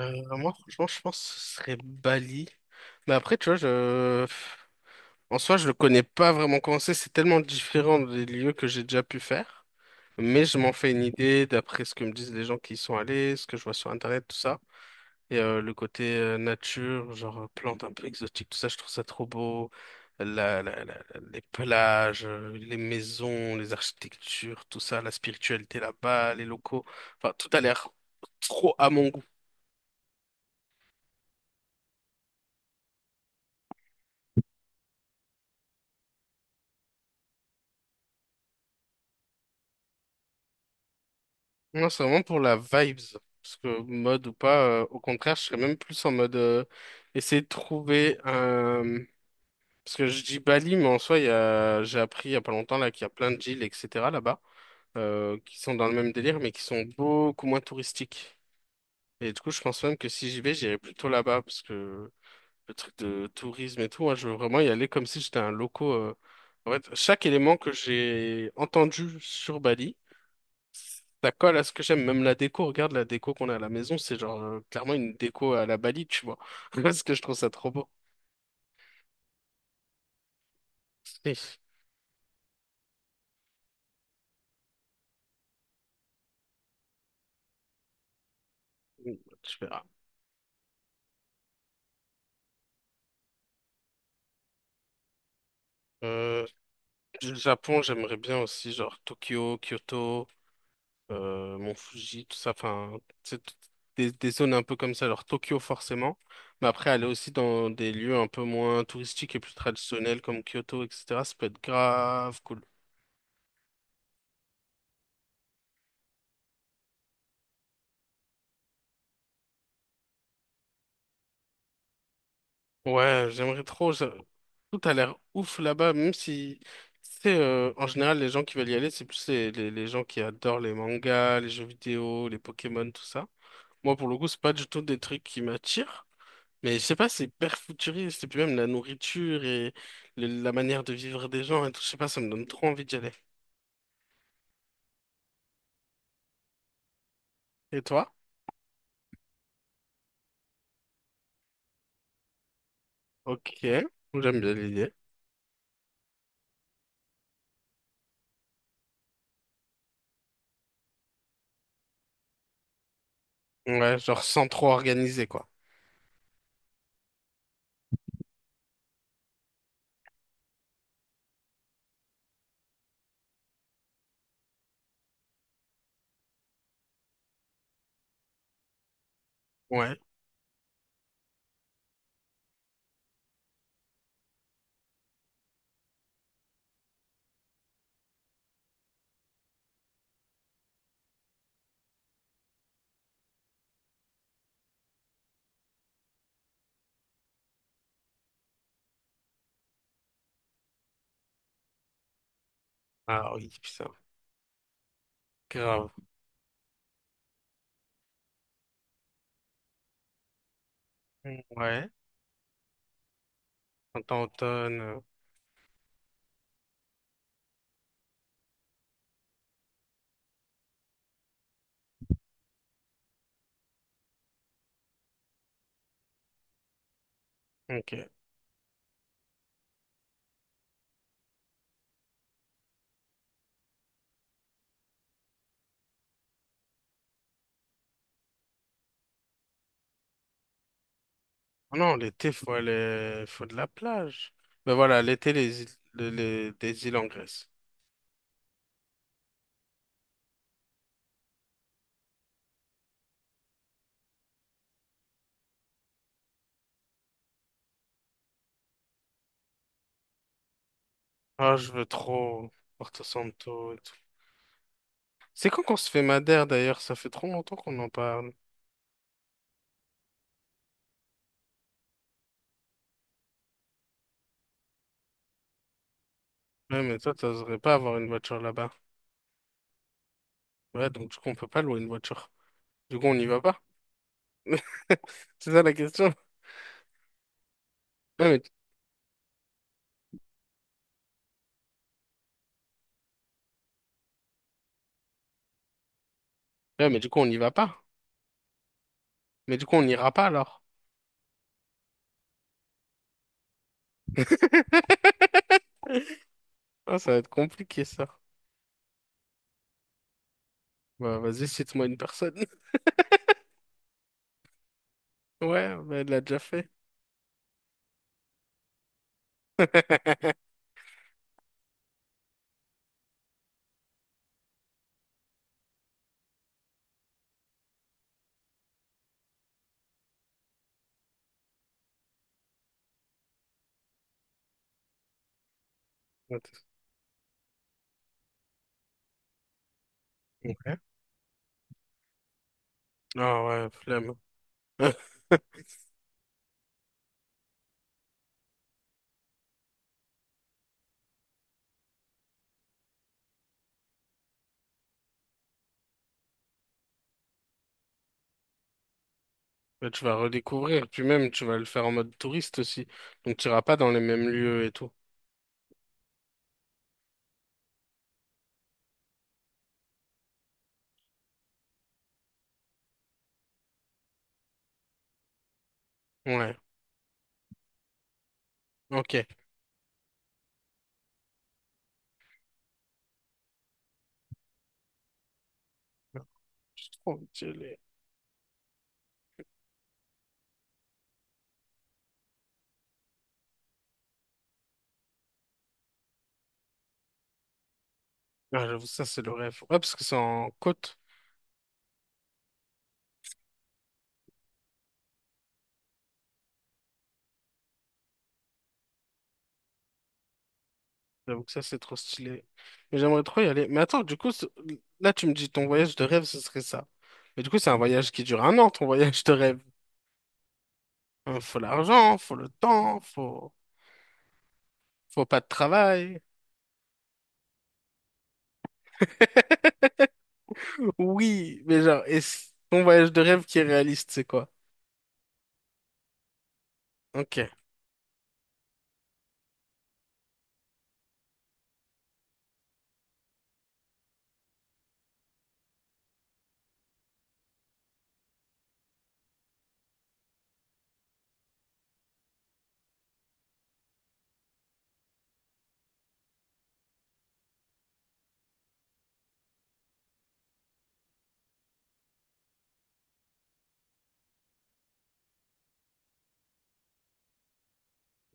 Euh, Moi, franchement, je pense que ce serait Bali. Mais après, tu vois, en soi, je le connais pas vraiment comment c'est. C'est tellement différent des lieux que j'ai déjà pu faire. Mais je m'en fais une idée d'après ce que me disent les gens qui y sont allés, ce que je vois sur Internet, tout ça. Et le côté nature, genre plantes un peu exotiques, tout ça, je trouve ça trop beau. La, la- la- les plages, les maisons, les architectures, tout ça, la spiritualité là-bas, les locaux. Enfin, tout a l'air trop à mon goût. Non, c'est vraiment pour la vibes. Parce que mode ou pas, au contraire, je serais même plus en mode essayer de trouver un. Parce que je dis Bali, mais en soi, j'ai appris il y a pas longtemps là qu'il y a plein de îles, etc. là-bas, qui sont dans le même délire, mais qui sont beaucoup moins touristiques. Et du coup, je pense même que si j'y vais, j'irai plutôt là-bas, parce que le truc de tourisme et tout, moi, je veux vraiment y aller comme si j'étais un loco. En fait, chaque élément que j'ai entendu sur Bali. Ça colle à ce que j'aime. Même la déco, regarde la déco qu'on a à la maison, c'est genre clairement une déco à la Bali, tu vois. Parce que je trouve ça trop beau. Et- Tu verras. Euh, le Japon, j'aimerais bien aussi, genre Tokyo, Kyoto, Mont Fuji, tout ça. Enfin, c'est tout- des zones un peu comme ça. Alors Tokyo, forcément. Mais après, aller aussi dans des lieux un peu moins touristiques et plus traditionnels comme Kyoto, etc. Ça peut être grave cool. Ouais, j'aimerais trop. Tout a l'air ouf là-bas, même si, c'est en général, les gens qui veulent y aller, c'est plus les gens qui adorent les mangas, les jeux vidéo, les Pokémon, tout ça. Moi, pour le coup, c'est pas du tout des trucs qui m'attirent. Mais je sais pas, c'est hyper futuriste. Et puis même la nourriture et la manière de vivre des gens et tout, je sais pas, ça me donne trop envie d'y aller. Et toi? Ok, j'aime bien l'idée. Ouais, genre sans trop organiser, quoi. Ouais. Ah oui, putain. Grave. Ouais. Printemps, automne. Ok. Ah non, l'été, faut aller, faut de la plage. Mais voilà, l'été, les îles, des îles en Grèce. Ah, je veux trop Porto Santo et tout. C'est quand qu'on se fait Madère d'ailleurs? Ça fait trop longtemps qu'on en parle. Ouais, mais toi, t'oserais pas avoir une voiture là-bas. Ouais, donc du coup, on peut pas louer une voiture. Du coup, on n'y va pas. C'est ça la question. Ouais, ouais, mais du coup, on n'y va pas. Mais du coup, on n'ira pas alors. Ah, ça va être compliqué ça. Bah, vas-y, cite-moi une personne. Ouais, bah, elle l'a déjà fait. Ouais, Ok. Ah ouais, flemme. Mais tu vas redécouvrir, puis même tu vas le faire en mode touriste aussi. Donc tu iras pas dans les mêmes lieux et tout. Ouais, ok. C'est trop stylé. Ah, j'avoue, ça c'est le rêve. Ouais, parce que c'est en côte. J'avoue que ça c'est trop stylé. Mais j'aimerais trop y aller. Mais attends, du coup, là tu me dis ton voyage de rêve, ce serait ça. Mais du coup, c'est un voyage qui dure 1 an, ton voyage de rêve. Hein, faut l'argent, faut le temps, faut pas de travail. Oui, mais genre, est-ce ton voyage de rêve qui est réaliste, c'est quoi? Ok.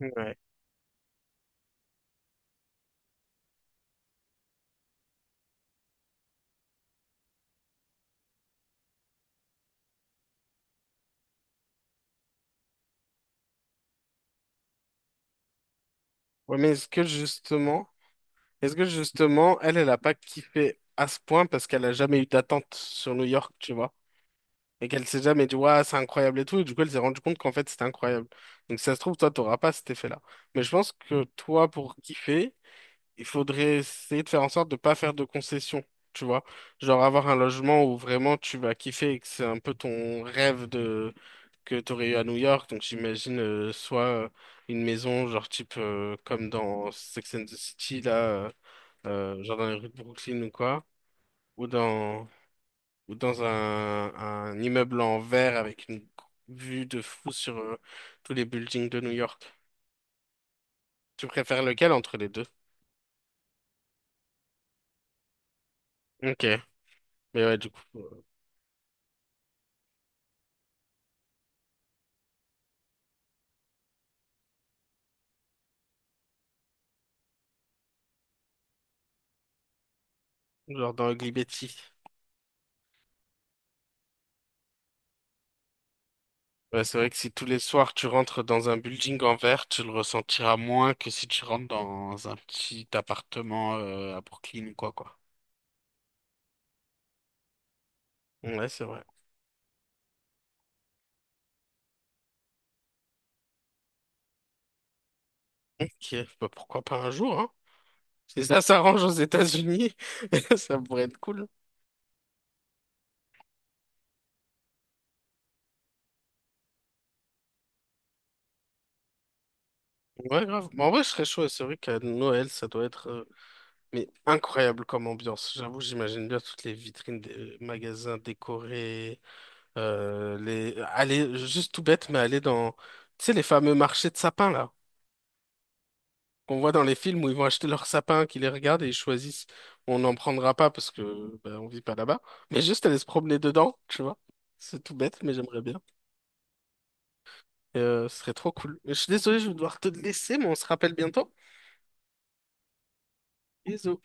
Ouais. Ouais, mais est-ce que justement, elle, elle a pas kiffé à ce point parce qu'elle a jamais eu d'attente sur New York, tu vois? Et qu'elle s'est jamais dit, ouais, c'est incroyable et tout. Et du coup, elle s'est rendue compte qu'en fait, c'était incroyable. Donc, si ça se trouve, toi, t'auras pas cet effet-là. Mais je pense que toi, pour kiffer, il faudrait essayer de faire en sorte de pas faire de concessions, tu vois. Genre avoir un logement où vraiment tu vas kiffer et que c'est un peu ton rêve de que tu aurais eu à New York. Donc j'imagine soit une maison genre type comme dans Sex and the City là, genre dans les rues de Brooklyn ou quoi, ou dans ou dans un immeuble en verre avec une vue de fou sur tous les buildings de New York. Tu préfères lequel entre les deux? Ok, mais ouais, du coup, genre dans Ugly Betty. Ouais, c'est vrai que si tous les soirs tu rentres dans un building en verre, tu le ressentiras moins que si tu rentres dans un petit appartement à Brooklyn ou quoi, quoi. Ouais, c'est vrai. Ok, bah, pourquoi pas un jour, hein? Si ça s'arrange aux États-Unis, ça pourrait être cool. Ouais, grave. Mais en vrai, je serais chaud. Ouais. C'est vrai qu'à Noël, ça doit être mais incroyable comme ambiance. J'avoue, j'imagine bien toutes les vitrines des magasins décorés. Aller, juste tout bête, mais aller dans, tu sais, les fameux marchés de sapins, là. Qu'on voit dans les films où ils vont acheter leurs sapins, qu'ils les regardent et ils choisissent. On n'en prendra pas parce que ben, on vit pas là-bas, mais juste aller se promener dedans, tu vois. C'est tout bête, mais j'aimerais bien. Et, ce serait trop cool. Je suis désolé, je vais devoir te laisser, mais on se rappelle bientôt. Bisous.